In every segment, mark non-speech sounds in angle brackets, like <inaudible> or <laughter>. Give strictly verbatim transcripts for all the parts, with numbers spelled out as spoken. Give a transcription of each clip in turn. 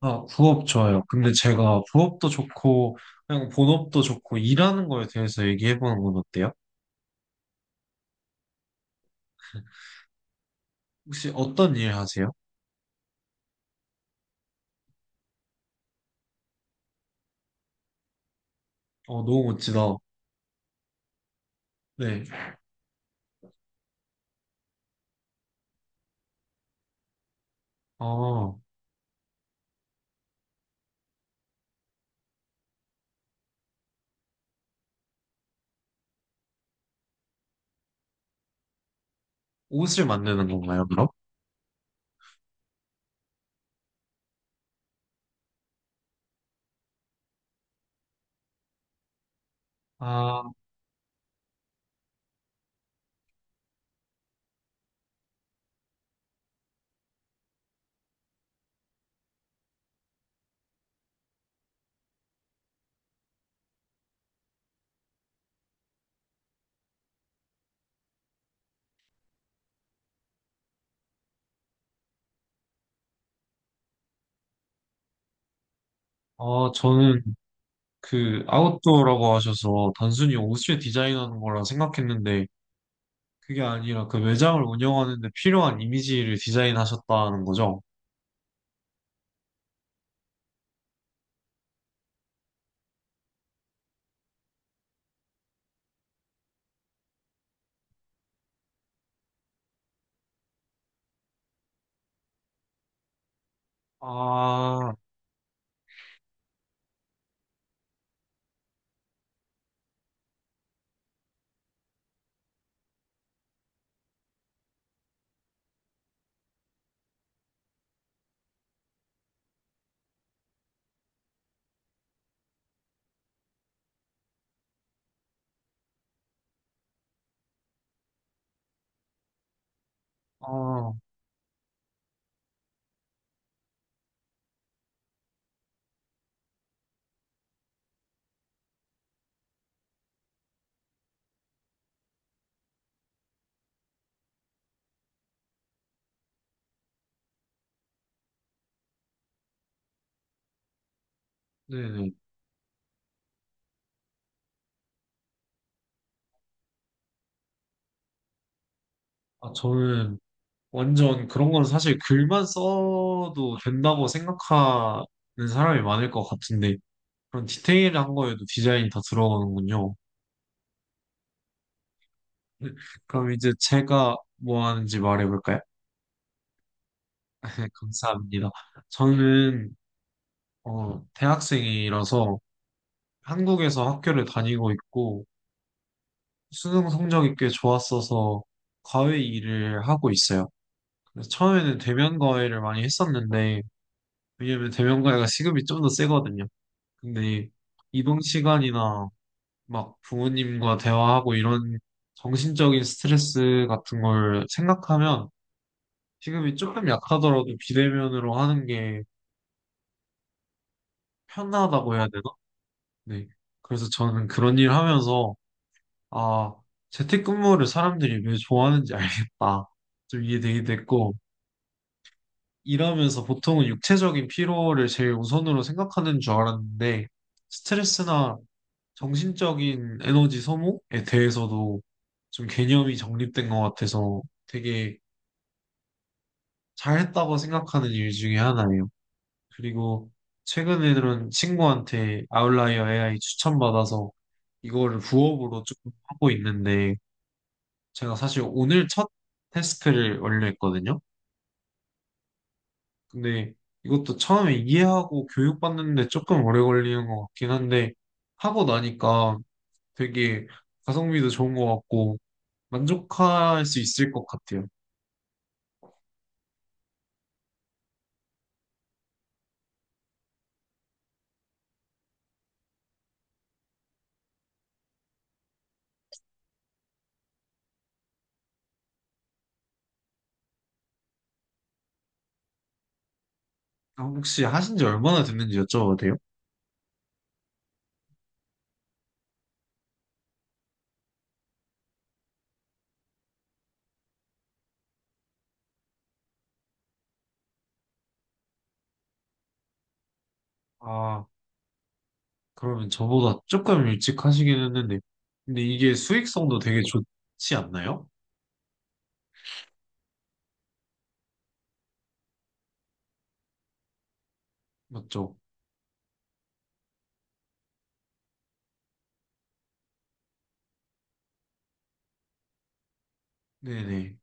아, 부업 좋아요. 근데 제가 부업도 좋고, 그냥 본업도 좋고, 일하는 거에 대해서 얘기해보는 건 어때요? 혹시 어떤 일 하세요? 어, 너무 멋지다. 네. 어, 옷을 만드는 건가요, 그럼? 아, 어, 저는 그 아웃도어라고 하셔서 단순히 옷을 디자인하는 거라 생각했는데, 그게 아니라 그 매장을 운영하는 데 필요한 이미지를 디자인하셨다는 거죠? 아, 아, 네네. 아, 저는 완전 그런 건 사실 글만 써도 된다고 생각하는 사람이 많을 것 같은데 그런 디테일한 거에도 디자인이 다 들어가는군요. 네, 그럼 이제 제가 뭐 하는지 말해볼까요? <laughs> 감사합니다. 저는 어, 대학생이라서 한국에서 학교를 다니고 있고 수능 성적이 꽤 좋았어서 과외 일을 하고 있어요. 그래서 처음에는 대면 과외를 많이 했었는데 왜냐면 대면 과외가 시급이 좀 더 세거든요. 근데 이 이동 시간이나 막 부모님과 대화하고 이런 정신적인 스트레스 같은 걸 생각하면 지금이 조금 약하더라도 비대면으로 하는 게 편하다고 해야 되나? 네. 그래서 저는 그런 일 하면서 아, 재택근무를 사람들이 왜 좋아하는지 알겠다. 좀 이해되게 됐고 일하면서 보통은 육체적인 피로를 제일 우선으로 생각하는 줄 알았는데 스트레스나 정신적인 에너지 소모에 대해서도 좀 개념이 정립된 것 같아서 되게 잘했다고 생각하는 일 중에 하나예요. 그리고 최근에는 친구한테 아웃라이어 에이아이 추천받아서 이거를 부업으로 조금 하고 있는데 제가 사실 오늘 첫 테스트를 완료했거든요. 근데 이것도 처음에 이해하고 교육받는데 조금 오래 걸리는 것 같긴 한데 하고 나니까 되게 가성비도 좋은 것 같고 만족할 수 있을 것 같아요. 아, 혹시 하신 지 얼마나 됐는지 여쭤봐도 돼요? 아, 그러면 저보다 조금 일찍 하시긴 했는데. 근데 이게 수익성도 되게 좋지 않나요? 맞죠? 네네.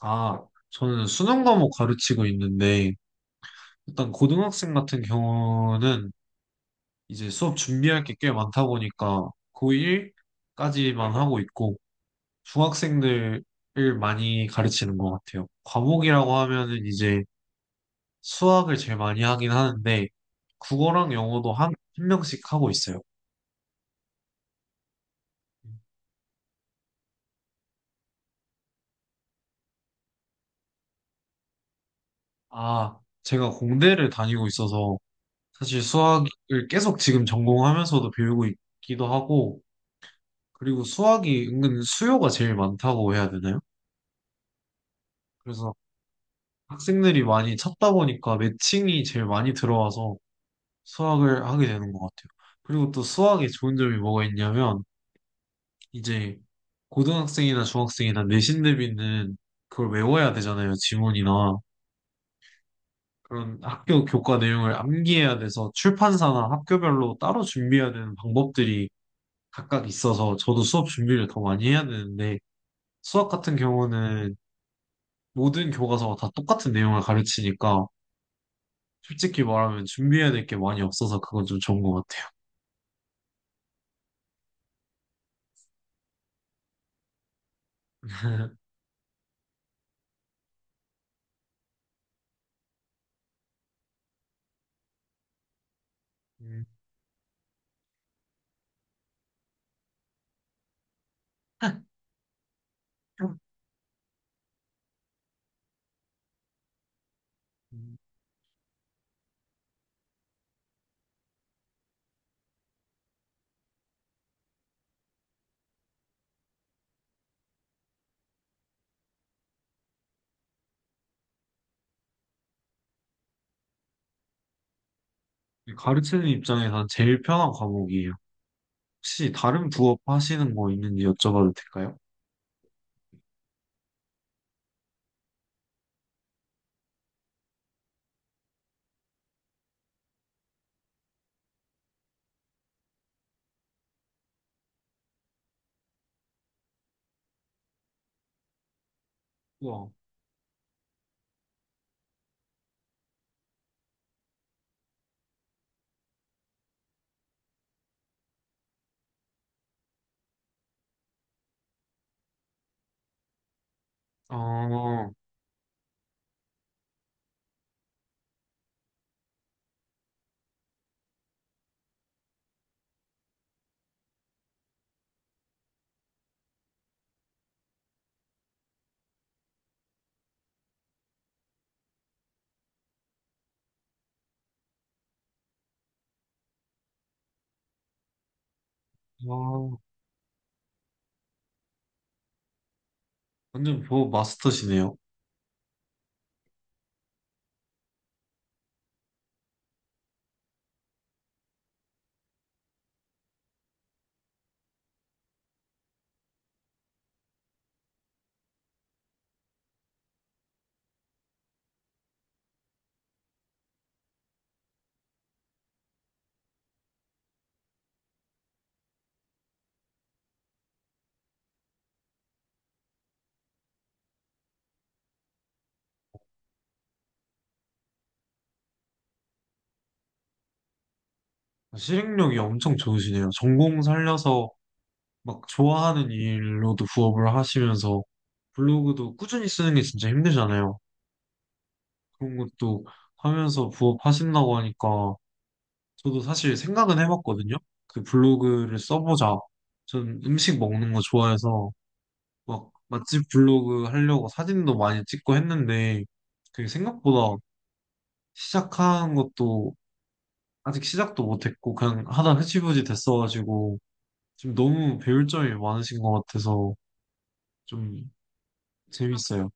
아, 저는 수능 과목 가르치고 있는데, 일단 고등학생 같은 경우는 이제 수업 준비할 게 꽤 많다 보니까 고일까지만 하고 있고, 중학생들을 많이 가르치는 것 같아요. 과목이라고 하면은 이제 수학을 제일 많이 하긴 하는데 국어랑 영어도 한, 한 명씩 하고 있어요. 아, 제가 공대를 다니고 있어서 사실 수학을 계속 지금 전공하면서도 배우고 있기도 하고, 그리고 수학이 은근 수요가 제일 많다고 해야 되나요? 그래서 학생들이 많이 찾다 보니까 매칭이 제일 많이 들어와서 수학을 하게 되는 것 같아요. 그리고 또 수학의 좋은 점이 뭐가 있냐면, 이제 고등학생이나 중학생이나 내신 대비는 그걸 외워야 되잖아요, 지문이나. 그런 학교 교과 내용을 암기해야 돼서 출판사나 학교별로 따로 준비해야 되는 방법들이 각각 있어서 저도 수업 준비를 더 많이 해야 되는데 수학 같은 경우는 모든 교과서가 다 똑같은 내용을 가르치니까 솔직히 말하면 준비해야 될 게 많이 없어서 그건 좀 좋은 것 같아요. 음. <laughs> 음, 가르치는 입장에선 제일 편한 과목이에요. 혹시 다른 부업 하시는 거 있는지 여쭤봐도 될까요? 우와. 어, 어, 완전 부업 마스터시네요. 실행력이 엄청 좋으시네요. 전공 살려서 막 좋아하는 일로도 부업을 하시면서 블로그도 꾸준히 쓰는 게 진짜 힘들잖아요. 그런 것도 하면서 부업 하신다고 하니까 저도 사실 생각은 해봤거든요. 그 블로그를 써보자. 전 음식 먹는 거 좋아해서 막 맛집 블로그 하려고 사진도 많이 찍고 했는데 그게 생각보다 시작한 것도 아직 시작도 못했고 그냥 하다 흐지부지 됐어가지고 지금 너무 배울 점이 많으신 것 같아서 좀 재밌어요.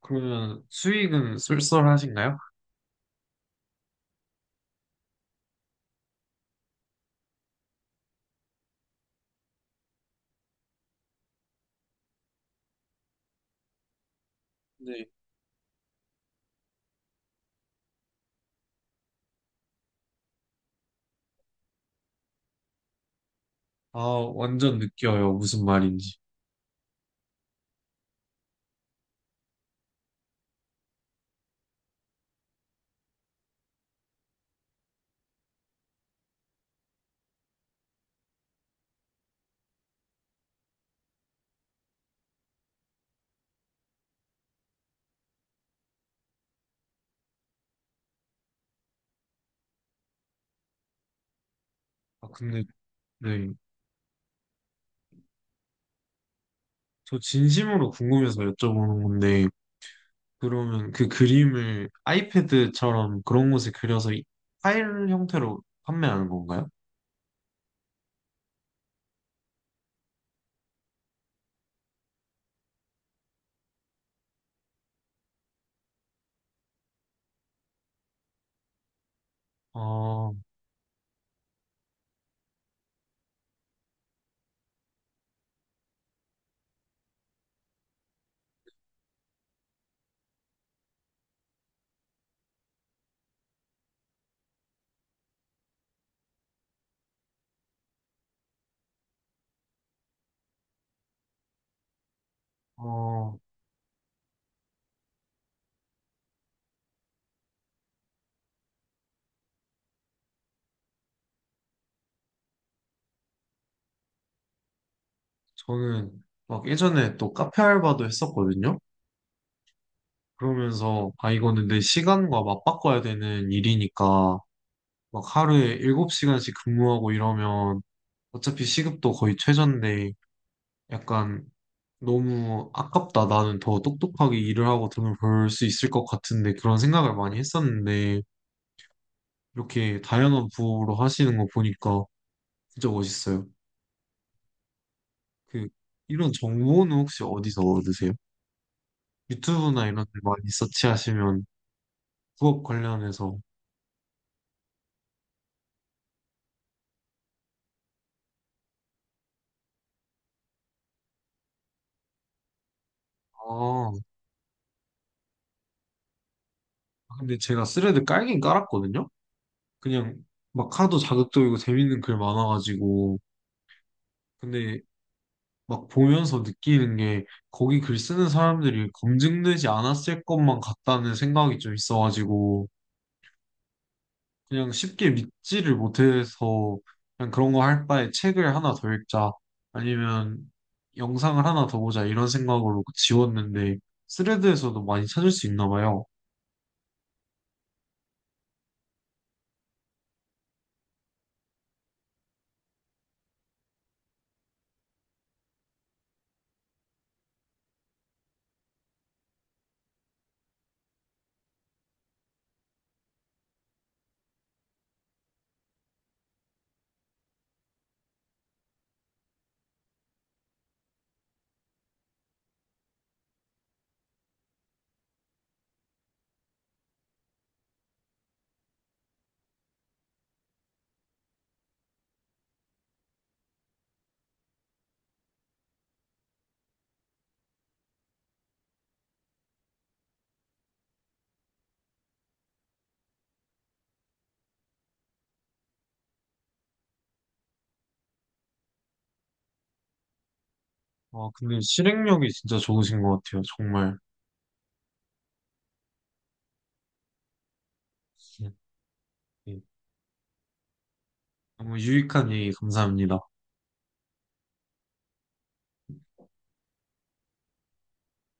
그러면 수익은 쏠쏠하신가요? 네. 아, 완전 느껴요. 무슨 말인지. 아, 근데, 네. 저 진심으로 궁금해서 여쭤보는 건데, 그러면 그 그림을 아이패드처럼 그런 곳에 그려서 이- 파일 형태로 판매하는 건가요? 어, 어, 저는 막 예전에 또 카페 알바도 했었거든요. 그러면서, 아, 이거는 내 시간과 맞바꿔야 되는 일이니까, 막 하루에 일곱 시간씩 근무하고 이러면 어차피 시급도 거의 최저인데 약간 너무 아깝다. 나는 더 똑똑하게 일을 하고 돈을 벌 수 있을 것 같은데 그런 생각을 많이 했었는데 이렇게 다양한 부업으로 하시는 거 보니까 진짜 멋있어요. 그 이런 정보는 혹시 어디서 얻으세요? 유튜브나 이런 데 많이 서치하시면 부업 관련해서 아 근데 제가 스레드 깔긴 깔았거든요. 그냥 막 하도 자극적이고 재밌는 글 많아가지고 근데 막 보면서 느끼는 게 거기 글 쓰는 사람들이 검증되지 않았을 것만 같다는 생각이 좀 있어가지고 그냥 쉽게 믿지를 못해서 그냥 그런 거 할 바에 책을 하나 더 읽자 아니면 영상을 하나 더 보자 이런 생각으로 지웠는데 스레드에서도 많이 찾을 수 있나 봐요. 아, 근데 실행력이 진짜 좋으신 것 같아요. 정말. 네. 너무 유익한 얘기 감사합니다.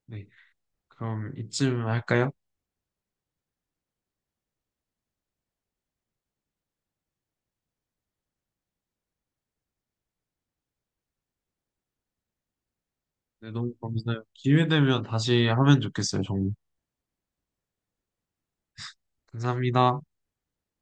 네. 그럼 이쯤 할까요? 네, 너무 감사해요. 기회 되면 다시 하면 좋겠어요, 정말. 감사합니다.